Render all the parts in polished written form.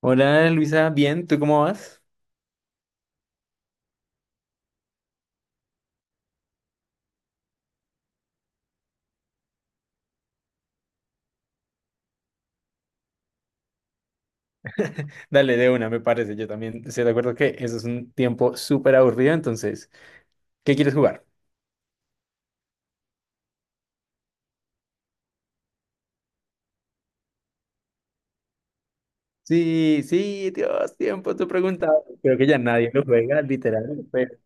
Hola Luisa, bien, ¿tú cómo vas? Dale, de una, me parece. Yo también estoy de acuerdo que eso es un tiempo súper aburrido, entonces, ¿qué quieres jugar? Sí, sí, Dios, tiempo, tú preguntabas. Creo que ya nadie lo juega, literal.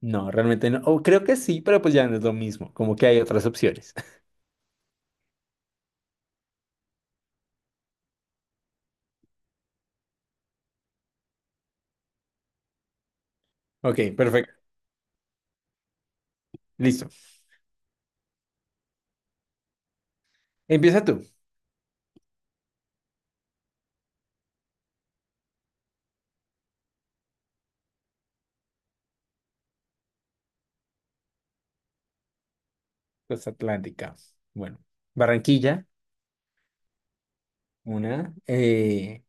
No, realmente no. O creo que sí, pero pues ya no es lo mismo, como que hay otras opciones. Ok, perfecto, listo. Empieza tú. Costa Atlántica. Bueno, Barranquilla, una.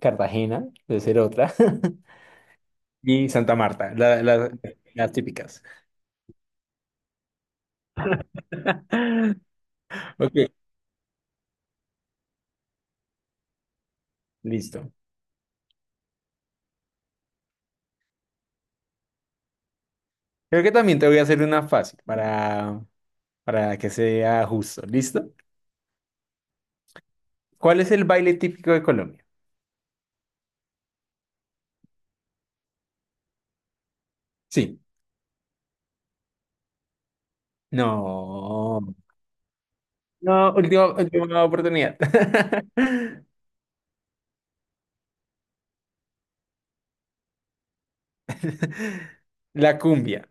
Cartagena, debe ser otra. Y Santa Marta, las típicas. Ok, listo. Creo que también te voy a hacer una fácil para que sea justo. ¿Listo? ¿Cuál es el baile típico de Colombia? Sí. No. No, última, última oportunidad. La cumbia.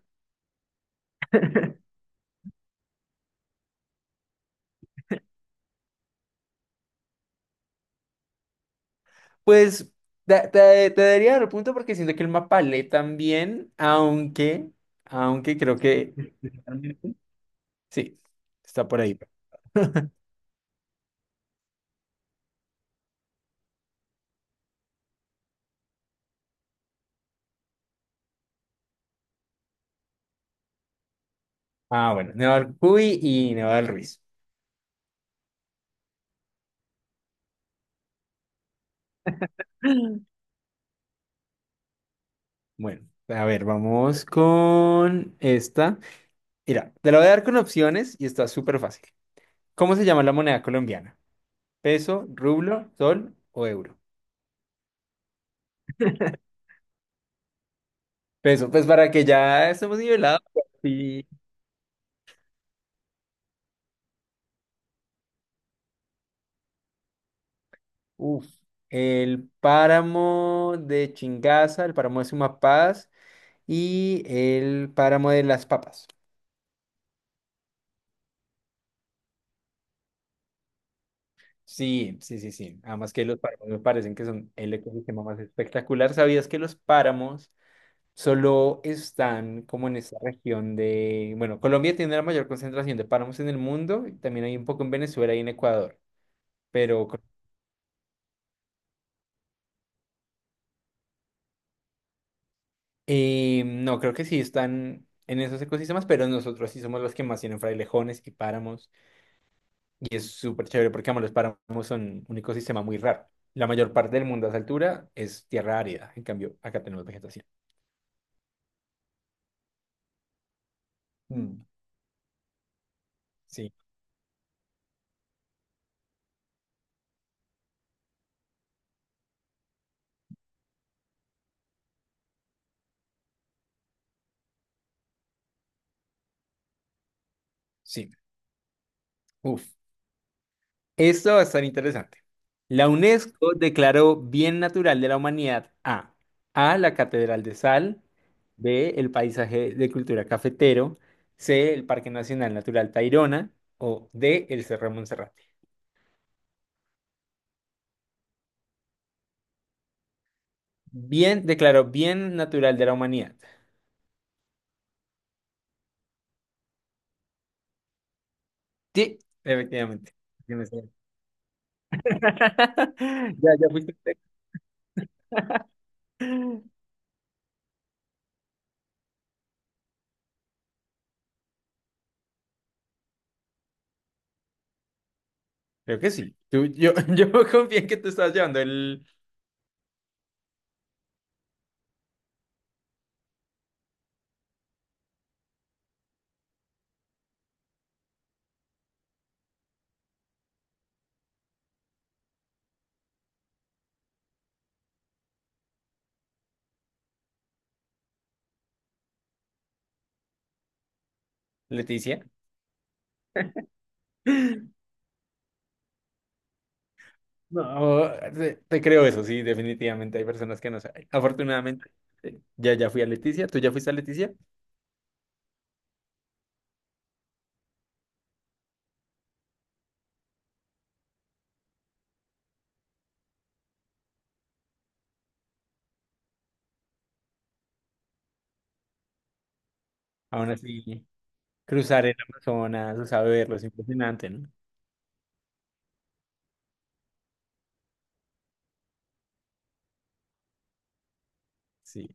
Pues te, te daría el punto porque siento que el mapalé también, aunque, aunque creo que... Sí, está por ahí. Ah, bueno, Neval Cuy y Neval Ruiz. Bueno, a ver, vamos con esta. Mira, te la voy a dar con opciones y está súper fácil. ¿Cómo se llama la moneda colombiana? ¿Peso, rublo, sol o euro? Peso, pues para que ya estemos nivelados. Pues sí. Uf. El páramo de Chingaza, el páramo de Sumapaz y el páramo de Las Papas. Sí, sí, sí, sí. Además que los páramos me parecen que son el ecosistema más espectacular. ¿Sabías que los páramos solo están como en esta región de, bueno, Colombia tiene la mayor concentración de páramos en el mundo, y también hay un poco en Venezuela y en Ecuador, pero no, creo que sí están en esos ecosistemas, pero nosotros sí somos los que más tienen frailejones y páramos, y es súper chévere porque, vamos, los páramos son un ecosistema muy raro? La mayor parte del mundo a esa altura es tierra árida, en cambio, acá tenemos vegetación. Mm, sí, sí. Uf. Esto va a estar interesante. La UNESCO declaró Bien Natural de la Humanidad a A. La Catedral de Sal, B. El Paisaje de Cultura Cafetero, C. El Parque Nacional Natural Tayrona o D. El Cerro de Monserrate. Bien, declaró Bien Natural de la Humanidad. Sí, efectivamente. Sí me sé. Ya, ya fuiste. Usted. Creo que sí. Yo, yo confié en que tú estabas llevando el Leticia. No, te creo eso, sí, definitivamente hay personas que no saben. Afortunadamente, ya, ya fui a Leticia, tú ya fuiste a Leticia. Aún así, cruzar el Amazonas, o sea, verlo, es impresionante, ¿no? Sí,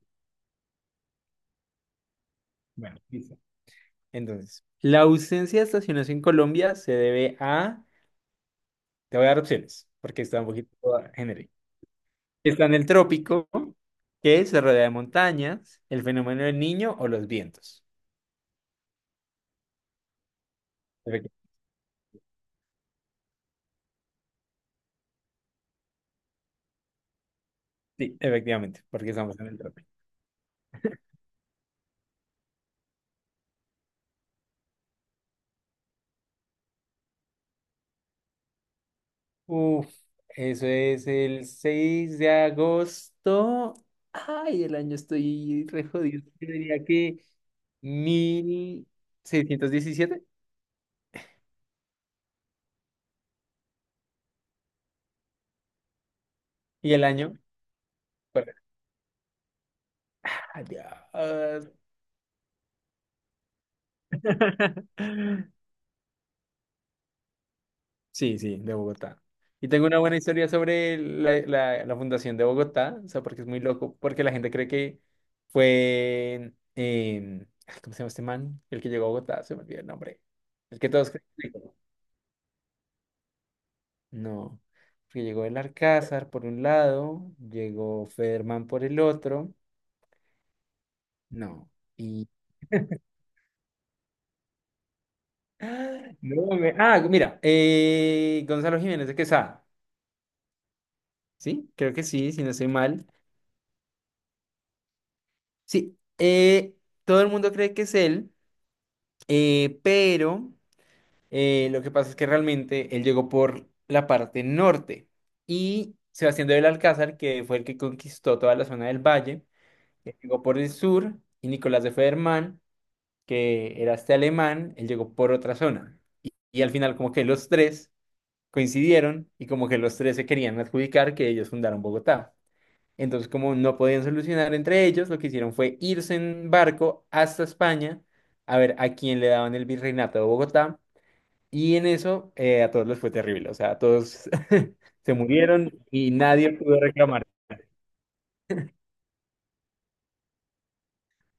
bueno, listo. Entonces, la ausencia de estaciones en Colombia se debe a, te voy a dar opciones, porque está un poquito genérico. ¿Está en el trópico, que se rodea de montañas, el fenómeno del niño o los vientos? Efecti- sí, efectivamente, porque estamos en el trópico. Uf, eso es el 6 de agosto. Ay, el año estoy re jodido. Yo diría que 1617 y el año. Pues, ay, sí, sí, de Bogotá. Y tengo una buena historia sobre la fundación de Bogotá, o sea, porque es muy loco, porque la gente cree que fue, ay, ¿cómo se llama este man? El que llegó a Bogotá, se me olvidó el nombre. El que todos creen. No, porque llegó el Alcázar por un lado, llegó Federman por el otro, no, y... ¡Ah! No, me- Ah, mira, Gonzalo Jiménez de Quesada, ¿sí? Creo que sí, si no estoy mal. Sí, todo el mundo cree que es él, pero lo que pasa es que realmente él llegó por la parte norte y Sebastián del Alcázar, que fue el que conquistó toda la zona del valle, que llegó por el sur, y Nicolás de Federman, que era este alemán, él llegó por otra zona. Y al final como que los tres coincidieron y como que los tres se querían adjudicar que ellos fundaron Bogotá. Entonces como no podían solucionar entre ellos, lo que hicieron fue irse en barco hasta España a ver a quién le daban el virreinato de Bogotá. Y en eso a todos les fue terrible, o sea, a todos se murieron y nadie pudo reclamar.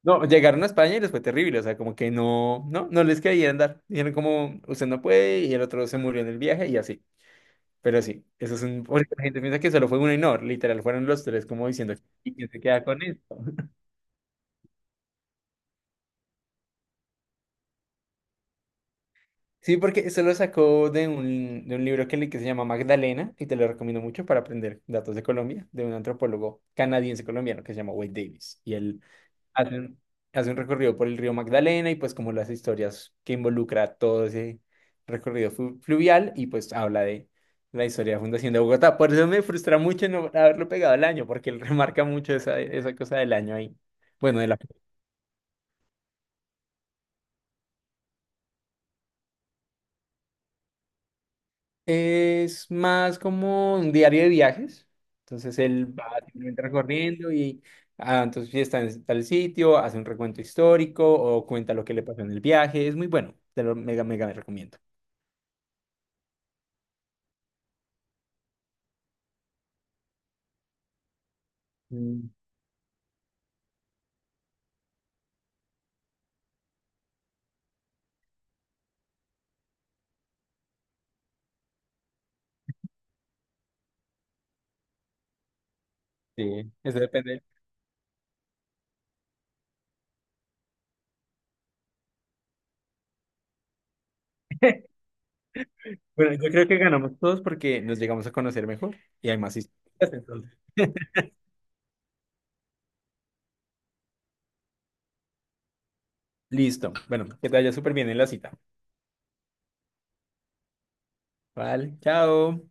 No, llegaron a España y les fue terrible, o sea, como que no, no, no les querían dar. Dijeron como, usted no puede, y el otro se murió en el viaje y así. Pero sí, eso es un... Porque la gente piensa que solo fue uno y no, literal, fueron los tres como diciendo, ¿y quién se queda con esto? Sí, porque eso lo sacó de un libro que, que se llama Magdalena, y te lo recomiendo mucho para aprender datos de Colombia, de un antropólogo canadiense colombiano que se llama Wade Davis. Y él hace un, hace un recorrido por el río Magdalena y pues como las historias que involucra todo ese recorrido fluvial y pues habla de la historia de la fundación de Bogotá. Por eso me frustra mucho no haberlo pegado al año, porque él remarca mucho esa, esa cosa del año ahí. Bueno, de la... Es más como un diario de viajes. Entonces él va simplemente recorriendo y ah, entonces si está en tal sitio, hace un recuento histórico o cuenta lo que le pasó en el viaje. Es muy bueno, te lo mega, mega recomiendo. Sí, eso depende. Bueno, yo creo que ganamos todos porque nos llegamos a conocer mejor y hay más historias, entonces. Listo. Bueno, que te vaya súper bien en la cita. Vale, chao.